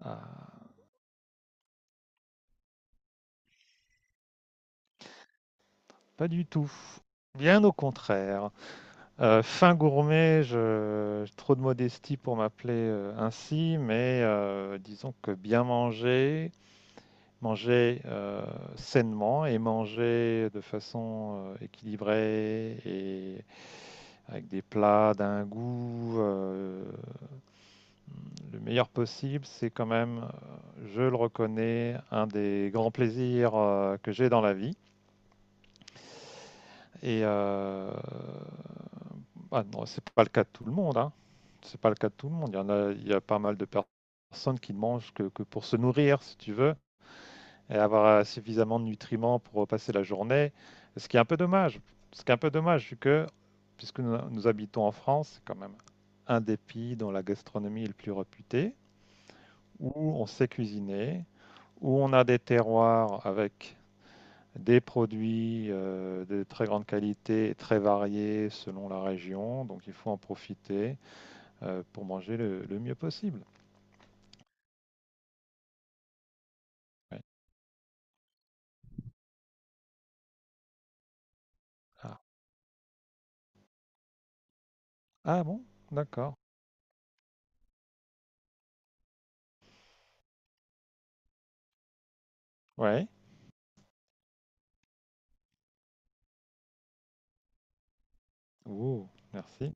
Ah, pas du tout. Bien au contraire. Fin gourmet, j'ai trop de modestie pour m'appeler ainsi, mais disons que bien manger, manger sainement et manger de façon équilibrée et avec des plats d'un goût le meilleur possible, c'est quand même, je le reconnais, un des grands plaisirs que j'ai dans la vie. Et euh, Ah non, c'est pas le cas de tout le monde, hein. C'est pas le cas de tout le monde. Il y a pas mal de personnes qui ne mangent que pour se nourrir, si tu veux, et avoir suffisamment de nutriments pour passer la journée. Ce qui est un peu dommage. Ce qui est un peu dommage, puisque nous, nous habitons en France, c'est quand même un des pays dont la gastronomie est le plus réputée, où on sait cuisiner, où on a des terroirs avec des produits de très grande qualité, très variés selon la région. Donc il faut en profiter pour manger le mieux possible. Ouais. Ah. Ah bon? D'accord. Ouais. Oh, merci.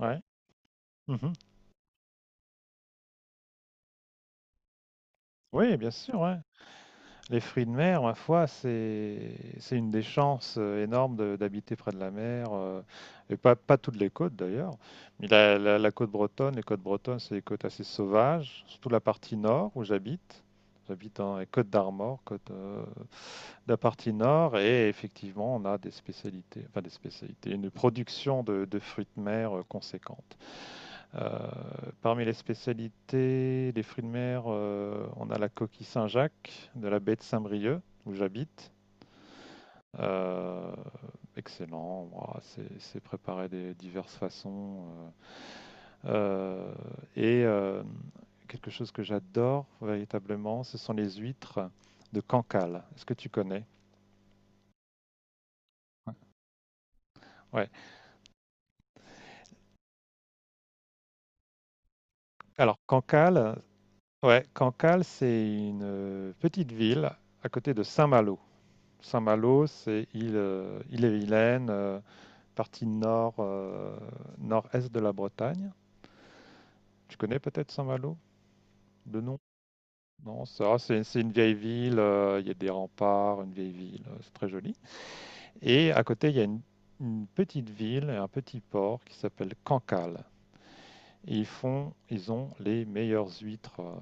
Ouais. Mhm. Oui, bien sûr, ouais. Les fruits de mer, ma foi, c'est une des chances énormes d'habiter près de la mer, et pas toutes les côtes d'ailleurs. Mais la côte bretonne, les côtes bretonnes, c'est des côtes assez sauvages, surtout la partie nord où j'habite. J'habite dans les côtes d'Armor, côte de la partie nord, et effectivement, on a des spécialités, enfin des spécialités, une production de fruits de mer conséquente. Euh, Parmi les spécialités des fruits de mer, on a la coquille Saint-Jacques de la baie de Saint-Brieuc, où j'habite. Euh, Excellent, ouah, c'est préparé de diverses façons. Euh, et euh, Quelque chose que j'adore véritablement, ce sont les huîtres de Cancale. Est-ce que tu connais? Ouais. Ouais. Alors, Cancale, ouais, Cancale, c'est une petite ville à côté de Saint-Malo. Saint-Malo, c'est île, Ille-et-Vilaine, partie nord, nord-est de la Bretagne. Tu connais peut-être Saint-Malo de nom? Non, ça, c'est une vieille ville, il y a des remparts, une vieille ville, c'est très joli. Et à côté, il y a une petite ville et un petit port qui s'appelle Cancale. Ils ont les meilleures huîtres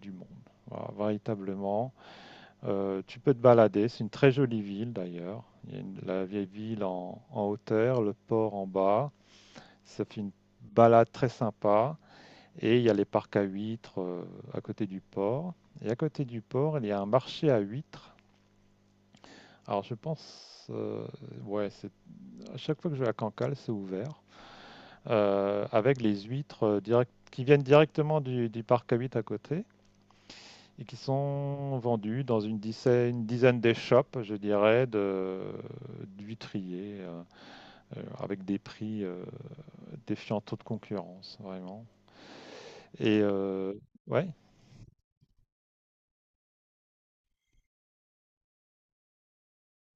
du monde. Voilà, véritablement. Tu peux te balader, c'est une très jolie ville d'ailleurs. Il y a une- La vieille ville en hauteur, le port en bas. Ça fait une balade très sympa. Et il y a les parcs à huîtres à côté du port. Et à côté du port, il y a un marché à huîtres. Alors je pense, ouais, c'est, à chaque fois que je vais à Cancale, c'est ouvert. Avec les huîtres direct, qui viennent directement du parc à huîtres à côté, et qui sont vendus dans une dizaine des shops, je dirais, d'huîtriers, avec des prix défiant toute concurrence, vraiment. Et euh, ouais,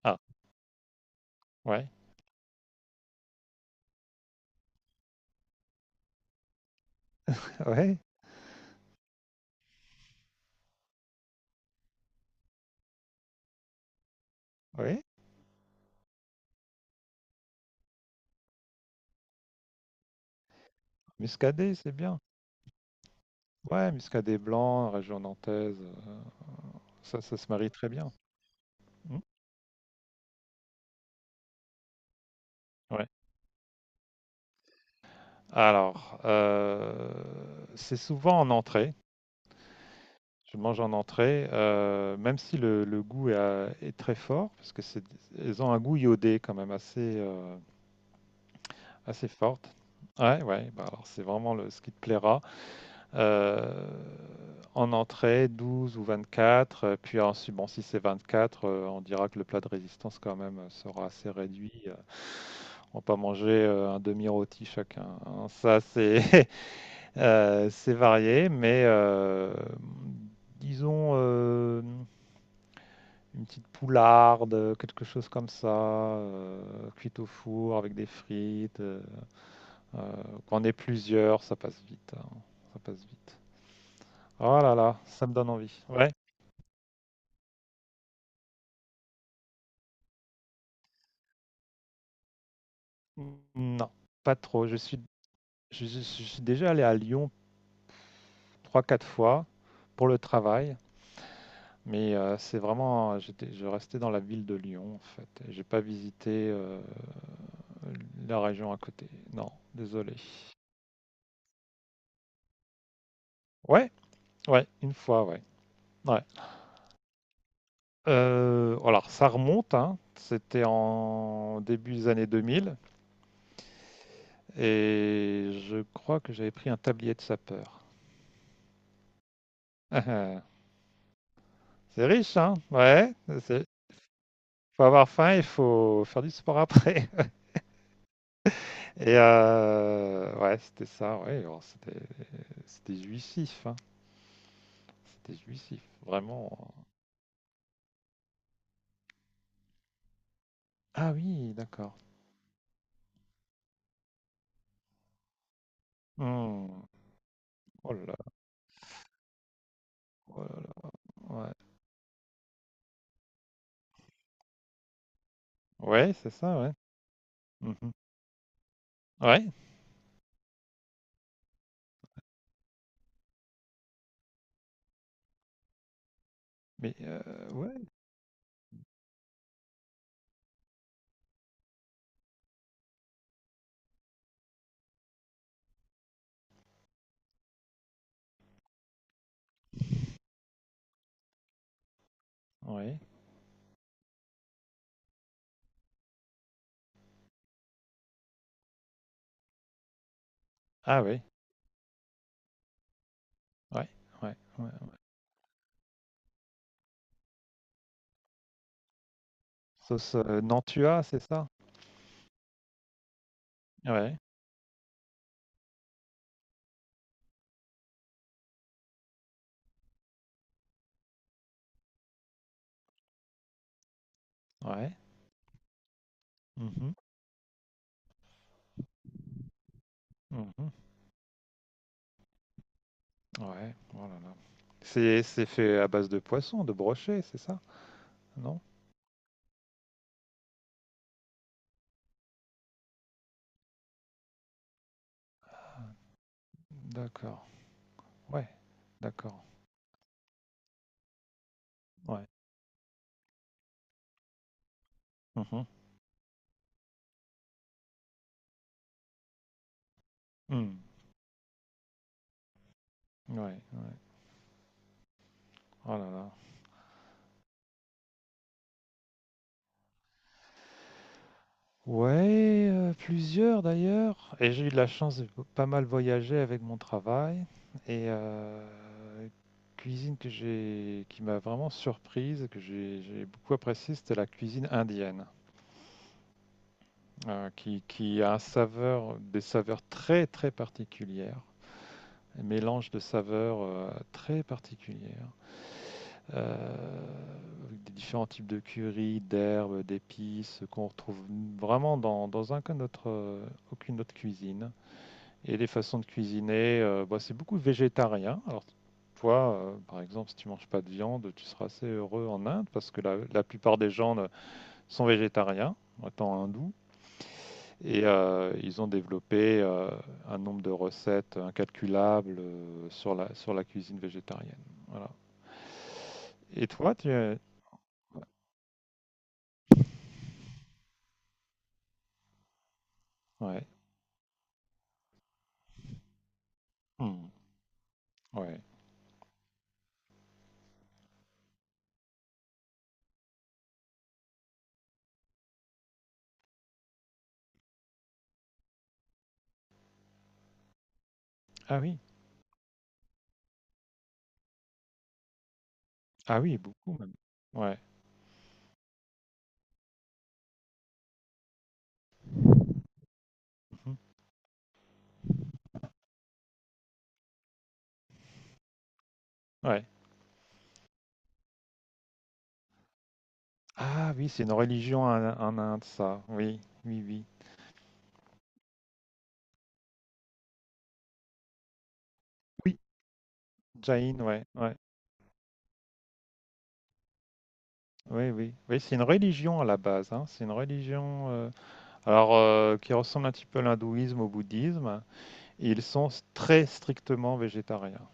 ah, ouais, ouais, ouais, muscadet, c'est bien. Ouais, muscadet blanc, région nantaise, ça, ça se marie très bien. Hmm, ouais. Alors, c'est souvent en entrée. Je mange en entrée, même si le goût est très fort, parce que c'est, elles ont un goût iodé quand même assez, assez forte. Ouais, ouais, bah alors c'est vraiment ce qui te plaira. Euh, En entrée, 12 ou 24, puis ensuite, bon, si c'est 24, on dira que le plat de résistance quand même sera assez réduit. On va pas manger un demi-rôti chacun, hein. Ça, c'est c'est varié, mais disons, une petite poularde, quelque chose comme ça, cuite au four avec des frites. Quand on est plusieurs, ça passe vite, hein. Ça passe vite. Oh là là, ça me donne envie. Ouais. Mm, non, pas trop. Je suis déjà allé à Lyon trois quatre fois pour le travail, mais c'est vraiment, je restais dans la ville de Lyon en fait. J'ai pas visité la région à côté. Non, désolé. Ouais, ouais, une fois, ouais. Ouais. Alors, ça remonte, hein. C'était en début des années 2000, et je crois que j'avais pris un tablier de sapeur. C'est riche, hein? Ouais, c'est- faut avoir faim, il faut faire du sport après. Et ouais, c'était ça, ouais, alors c'était jouissif, hein. C'était jouissif, vraiment. Ah oui, d'accord. Hmm. Oh là là, oh là là, ouais. Ouais, c'est ça, ouais. Mhm. Ouais, mais ouais, ouais. Ah oui. Ouais, ouais, ouais. Sauce, Nantua, c'est ça? Ouais, ouais. Mmh mh. Mmh. Ouais, oh là là. C'est fait à base de poisson, de brochet, c'est ça? Non? Ah, d'accord, ouais, d'accord, ouais. Mmh mh. Mmh. Ouais, ouais. Oh là là. Ouais, plusieurs d'ailleurs. Et j'ai eu de la chance de pas mal voyager avec mon travail. Et cuisine qui m'a vraiment surprise, que j'ai beaucoup appréciée, c'était la cuisine indienne, qui a un saveur, des saveurs très très particulières, un mélange de saveurs très particulières, euh, avec des différents types de curry, d'herbes, d'épices qu'on retrouve vraiment dans aucun autre, aucune autre cuisine. Et les façons de cuisiner, bah, c'est beaucoup végétarien. Alors, toi, par exemple, si tu manges pas de viande, tu seras assez heureux en Inde parce que la plupart des gens sont végétariens, étant hindous, et ils ont développé un nombre de recettes incalculables sur la cuisine végétarienne. Voilà. Et toi, tu es... Ouais. Hmm. Ouais. Ah oui. Ah oui, beaucoup même. Ouais. Mhm. Ouais. Ah oui, c'est une religion en Inde, ça. Oui, oui, oui. Oui, Jain, ouais, ouais, oui, oui, oui, c'est une religion à la base, hein. C'est une religion, qui ressemble un petit peu à l'hindouisme, au bouddhisme, et ils sont très strictement végétariens,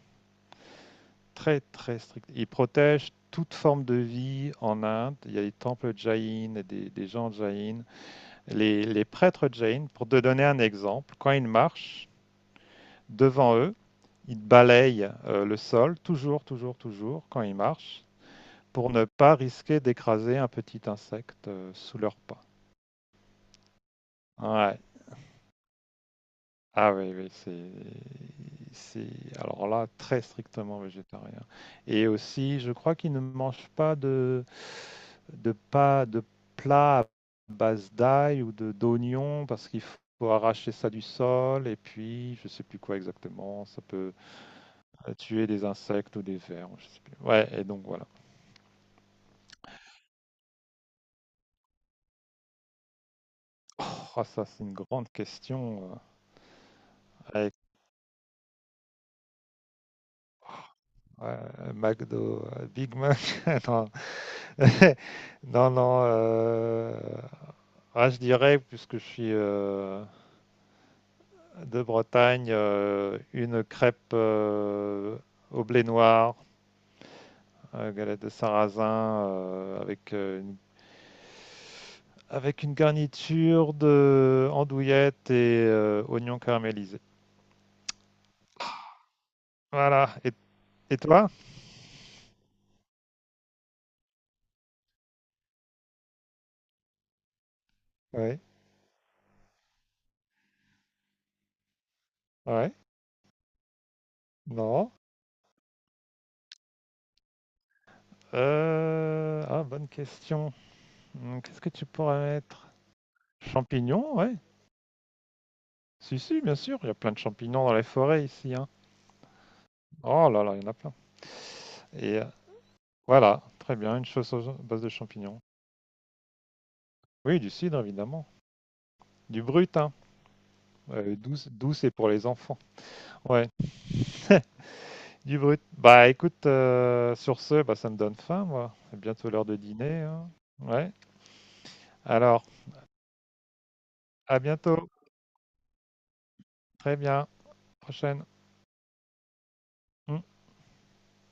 très très strict. Ils protègent toute forme de vie en Inde. Il y a des temples Jain, et des gens Jain, les prêtres Jain. Pour te donner un exemple, quand ils marchent devant eux, ils balayent le sol, toujours, toujours, toujours quand ils marchent, pour ne pas risquer d'écraser un petit insecte sous leur pas. Ouais. Ah oui, oui, c'est alors là très strictement végétarien. Et aussi, je crois qu'ils ne mangent pas de plats à base d'ail ou de d'oignons, parce qu'il faut arracher ça du sol et puis je sais plus quoi exactement. Ça peut tuer des insectes ou des vers, je sais plus. Ouais, et donc voilà. Oh, ça c'est une grande question. À Ouais, McDo, Big Mac. Non, non, non, ah, je dirais, puisque je suis de Bretagne, une crêpe au blé noir, galette de sarrasin, avec une garniture de andouillette et oignons caramélisés. Voilà. Et toi? Oui. Ouais. Non. Ah, bonne question. Qu'est-ce que tu pourrais mettre? Champignons, ouais. Si, si, bien sûr, il y a plein de champignons dans les forêts ici, hein. Oh là là, il y en a plein. Et voilà, très bien, une chose à base de champignons. Oui, du cidre, évidemment. Du brut, hein. Douce, douce et pour les enfants. Ouais, du brut. Bah écoute, sur ce, bah, ça me donne faim, moi. C'est bientôt l'heure de dîner, hein. Ouais. Alors, à bientôt. Très bien. Prochaine. Mm.